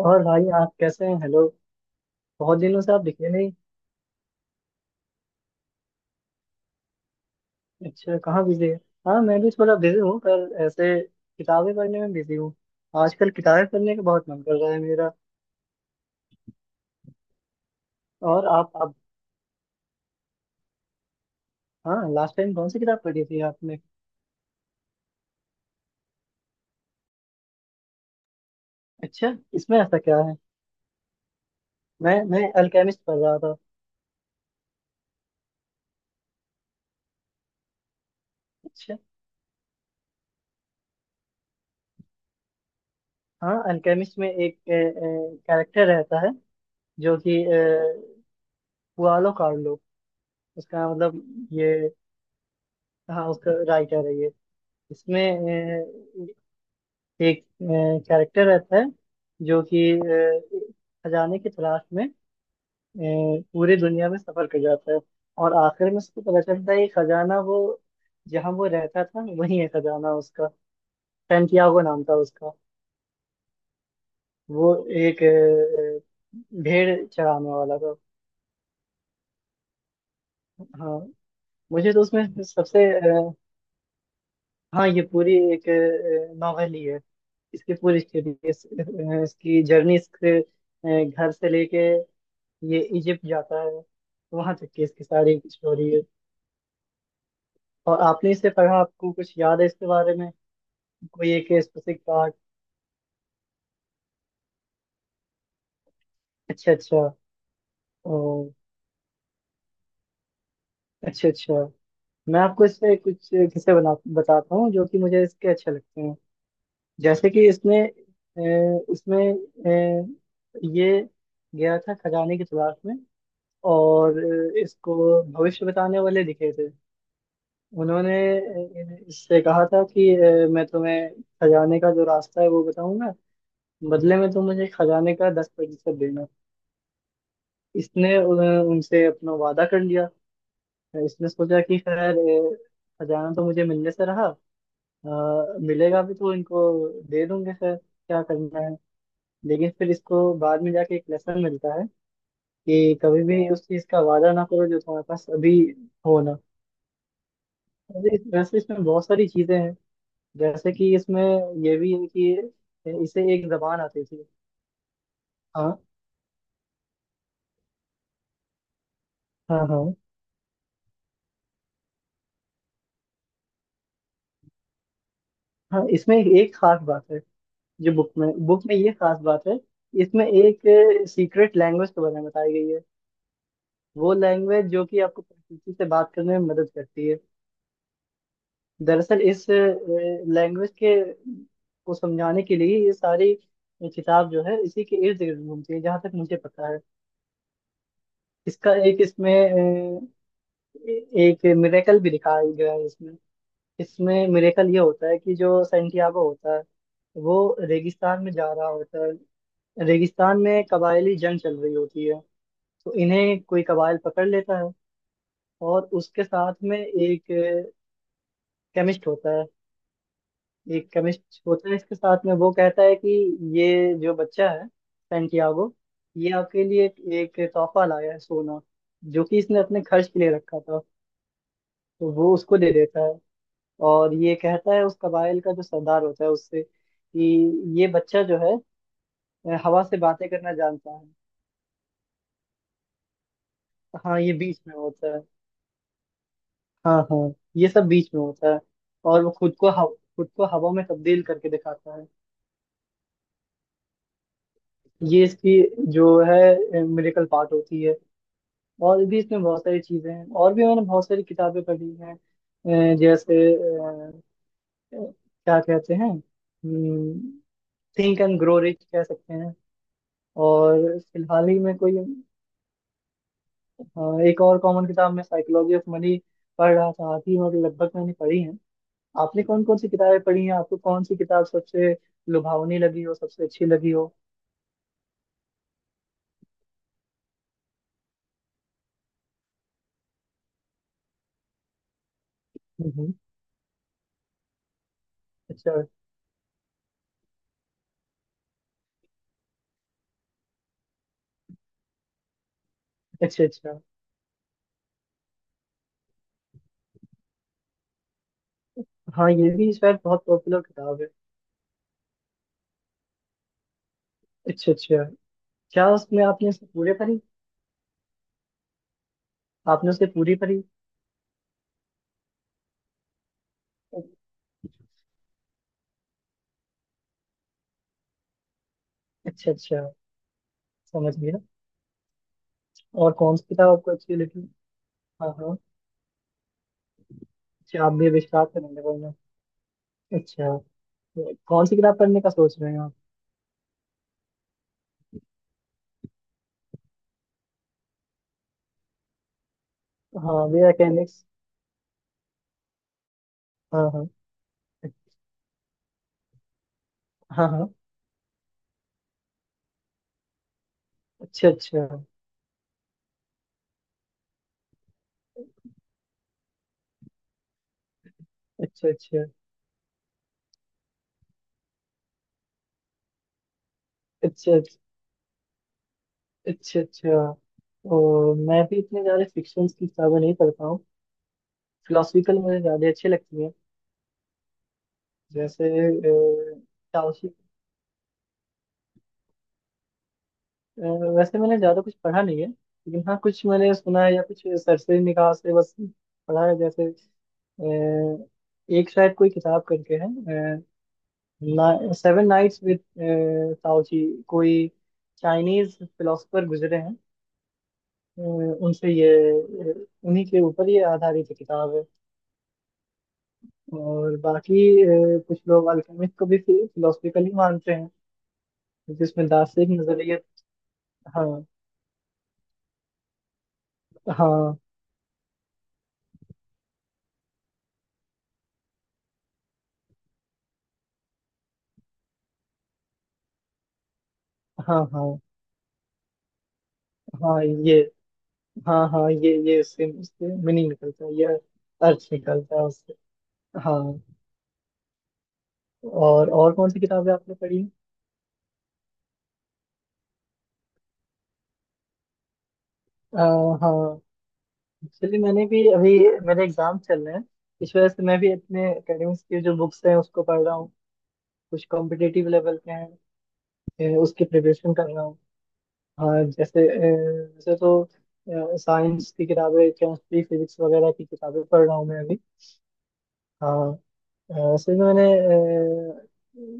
और भाई आप कैसे हैं, हेलो। बहुत दिनों से आप दिखे नहीं। अच्छा, कहाँ बिजी है? हाँ, मैं भी थोड़ा बिजी हूँ पर ऐसे किताबें पढ़ने में बिजी हूँ। आजकल किताबें पढ़ने का बहुत मन कर रहा है मेरा। और आप आप? हाँ, लास्ट टाइम कौन सी किताब पढ़ी थी आपने? अच्छा, इसमें ऐसा क्या है? मैं अल्केमिस्ट पढ़ रहा था। अच्छा। हाँ, अल्केमिस्ट में एक कैरेक्टर रहता है जो कि पुआलो कार्लो, उसका मतलब ये। हाँ, उसका राइटर है ये। इसमें एक कैरेक्टर रहता है जो कि खजाने की तलाश में अ, पूरी दुनिया में सफर कर जाता है, और आखिर में उसको पता चलता है कि खजाना वो, जहाँ वो रहता था वही है खजाना उसका। सैंटियागो नाम था उसका। वो एक भेड़ चराने वाला था। हाँ, मुझे तो उसमें सबसे हाँ ये पूरी एक नॉवेल ही है, इसकी पूरी स्टोरी। इसकी जर्नी, इसके घर से लेके ये इजिप्ट जाता है, वहां तक की इसकी सारी स्टोरी है। और आपने इसे पढ़ा, आपको कुछ याद है इसके बारे में? कोई एक स्पेसिफिक पार्ट? अच्छा अच्छा। ओ, अच्छा अच्छा। मैं आपको इससे कुछ किस्से बना, बताता हूँ जो कि मुझे इसके अच्छे लगते हैं। जैसे कि इसमें ये गया था खजाने की तलाश में, और इसको भविष्य बताने वाले दिखे थे। उन्होंने इससे कहा था कि मैं तुम्हें खजाने का जो रास्ता है वो बताऊंगा, बदले में तुम मुझे खजाने का 10% देना। इसने उनसे अपना वादा कर लिया। इसने सोचा कि खैर खजाना तो मुझे मिलने से रहा, मिलेगा भी तो इनको दे दूंगे, खैर क्या करना है। लेकिन फिर इसको बाद में जाके एक लेसन मिलता है कि कभी भी उस चीज का वादा ना करो जो तुम्हारे पास अभी हो ना। वैसे वैसे इसमें बहुत सारी चीजें हैं। जैसे कि इसमें ये भी है कि इसे एक जबान आती थी। हाँ हाँ। हाँ हाँ। इसमें एक खास बात है, जो बुक में ये खास बात है। इसमें एक सीक्रेट लैंग्वेज के बारे में बताई गई है, वो लैंग्वेज जो कि आपको प्रकृति से बात करने में मदद करती है। दरअसल इस लैंग्वेज के, को समझाने के लिए ये सारी किताब जो है इसी के इर्द गिर्द घूमती है, जहाँ तक मुझे पता है। इसका एक इसमें ए- एक मिरेकल भी दिखाया गया है इसमें। इसमें मिरेकल ये होता है कि जो सैंटियागो होता है वो रेगिस्तान में जा रहा होता है। रेगिस्तान में कबायली जंग चल रही होती है, तो इन्हें कोई कबायल पकड़ लेता है, और उसके साथ में एक केमिस्ट होता है। एक केमिस्ट होता है इसके साथ में, वो कहता है कि ये जो बच्चा है सैंटियागो, ये आपके लिए एक तोहफा लाया है, सोना, जो कि इसने अपने खर्च के लिए रखा था। तो वो उसको दे देता है, और ये कहता है उस कबाइल का जो सरदार होता है उससे कि ये बच्चा जो है हवा से बातें करना जानता है। हाँ, ये बीच में होता है। हाँ हाँ, ये सब बीच में होता है। और वो खुद को खुद को हवा में तब्दील करके दिखाता है। ये इसकी जो है मेडिकल पार्ट होती है। और भी इसमें बहुत सारी चीजें हैं, और भी मैंने बहुत सारी किताबें पढ़ी हैं। जैसे क्या कहते हैं, थिंक एंड ग्रो रिच कह सकते हैं। और फिलहाल ही में कोई अ, एक और कॉमन किताब, मैं साइकोलॉजी ऑफ मनी पढ़ रहा था, आधी और लगभग मैंने पढ़ी है। आपने कौन कौन सी किताबें पढ़ी हैं, आपको कौन सी किताब सबसे लुभावनी लगी हो, सबसे अच्छी लगी हो? हम्म, हम्म। अच्छा अच्छा अच्छा। हाँ, ये भी शायद बहुत पॉपुलर किताब है। अच्छा अच्छा। क्या उसमें आपने उसे पूरे पढ़ी, आपने उसे पूरी पढ़ी? अच्छा अच्छा, समझ गया। और कौन सी किताब आपको अच्छी लगी? हाँ हाँ। अच्छा, आप भी विस्तार करेंगे बोलना। अच्छा, तो कौन सी किताब पढ़ने का सोच रहे हैं आप? हाँ वे अकेनिक्स। हाँ हाँ। हाँ हाँ। अच्छा अच्छा। अच्छा अच्छा। अच्छा अच्छा। अच्छा अच्छा। और मैं भी इतने ज़्यादा फिक्शन की किताबें नहीं पढ़ता हूँ, फिलोसफिकल मुझे ज़्यादा अच्छी लगती है। जैसे अ, ताओशी, अ, वैसे मैंने ज़्यादा कुछ पढ़ा नहीं है लेकिन हाँ कुछ मैंने सुना है या कुछ सरसरी निगाह से बस पढ़ा है। जैसे एक शायद कोई किताब करके है, सेवन नाइट्स विद, ताओची कोई चाइनीज फिलोसफर गुजरे हैं, उनसे ये उन्हीं के ऊपर ये आधारित किताब है। और बाकी कुछ लोग अल्केमिस्ट को भी फिलोसफिकल ही मानते हैं, जिसमें दार्शनिक नजरिए। हाँ हाँ। हाँ हाँ हाँ। ये हाँ हाँ, ये उससे उससे मीनिंग निकलता है ये, अर्थ निकलता है उससे। हाँ। और कौन सी किताबें आपने पढ़ी? आ, हाँ, एक्चुअली मैंने भी अभी, मेरे एग्जाम चल रहे हैं, इस वजह से मैं भी अपने एकेडमिक्स की जो बुक्स हैं उसको पढ़ रहा हूँ। कुछ कॉम्पिटिटिव लेवल के हैं, उसकी प्रिपरेशन कर रहा हूँ। हाँ जैसे वैसे तो साइंस की किताबें, केमिस्ट्री फिजिक्स वगैरह की किताबें पढ़ रहा हूँ मैं अभी। हाँ। असल में मैंने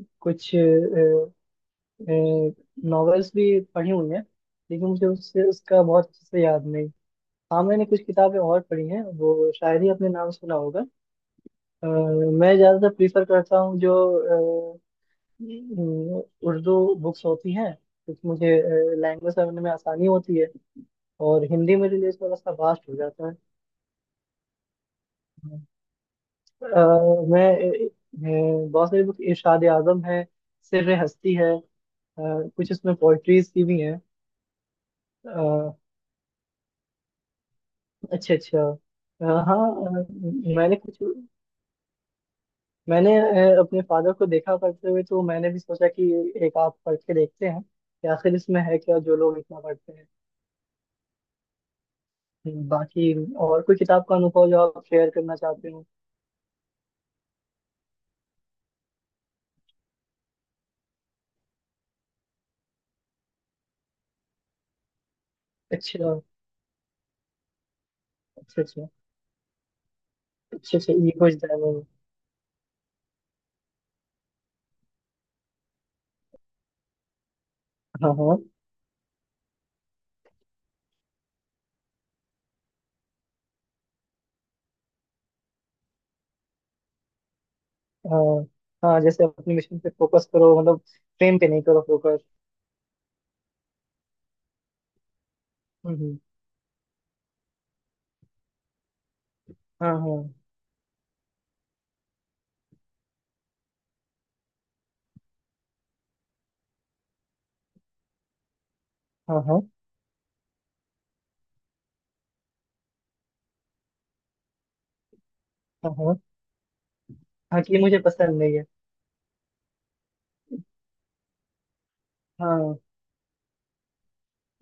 कुछ नॉवेल्स भी पढ़ी हुई हैं, लेकिन मुझे उससे उसका बहुत अच्छे से याद नहीं। हाँ, मैंने कुछ किताबें और पढ़ी हैं वो शायरी, अपने नाम सुना होगा। अ, मैं ज़्यादातर प्रीफर करता हूँ जो अ, उर्दू बुक्स होती हैं, क्योंकि मुझे लैंग्वेज समझने में आसानी होती है। और हिंदी में रिलीज थोड़ा सा वास्ट हो जाता है। मैं बहुत सारी बुक इरशाद आजम है, सिर्र हस्ती है, कुछ इसमें पोइट्रीज की भी हैं। अ, अच्छा अच्छा। हाँ अ, मैंने कुछ, मैंने अपने फादर को देखा पढ़ते हुए, तो मैंने भी सोचा कि एक आप पढ़ के देखते हैं कि आखिर इसमें है क्या जो लोग इतना पढ़ते हैं। बाकी और कोई किताब का अनुभव जो आप शेयर करना चाहते हो? अच्छा। अच्छा अच्छा। अच्छा अच्छा, ये कुछ डायलॉग। हाँ हाँ। हाँ, हाँ जैसे अपने मिशन पे फोकस करो, मतलब फ्रेम पे नहीं करो फोकस। हम्म। हाँ हाँ। हाँ हाँ हाँ। हाँ हाँ कि ये मुझे पसंद नहीं है। हाँ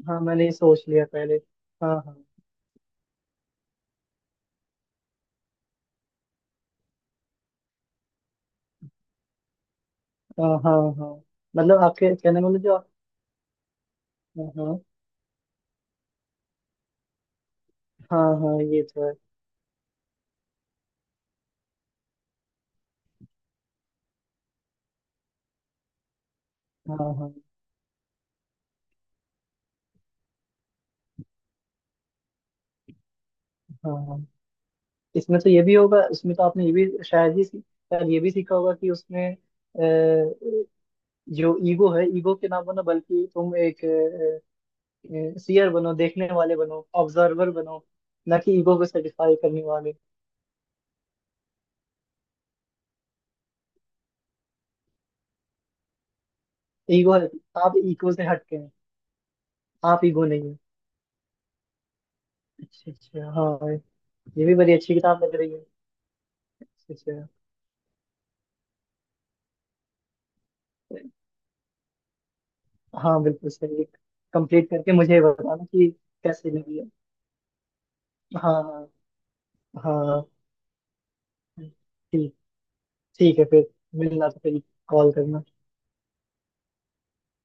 हाँ, मैंने ये सोच लिया पहले। हाँ हाँ। हाँ हाँ। हाँ, मतलब आपके कहने का मतलब जो आप-। हाँ हाँ। हाँ हाँ, ये तो है। हाँ हाँ। हाँ हाँ। इसमें तो ये भी होगा, इसमें तो आपने ये भी शायद ये भी सीखा होगा कि उसमें जो ईगो है, ईगो के ना बनो, बल्कि तुम एक सीयर बनो, देखने वाले बनो, ऑब्जर्वर बनो, ना कि ईगो को सेटिस्फाई करने वाले। ईगो, आप ईगो से हटके हैं, आप ईगो नहीं है। अच्छा अच्छा। हाँ, ये भी बड़ी अच्छी किताब लग रही है। अच्छा अच्छा। हाँ, बिल्कुल सही। कंप्लीट करके मुझे बताना कि कैसी लगी है। हाँ। हाँ हाँ। ठीक। ठीक है फिर, मिलना तो फिर, कॉल करना।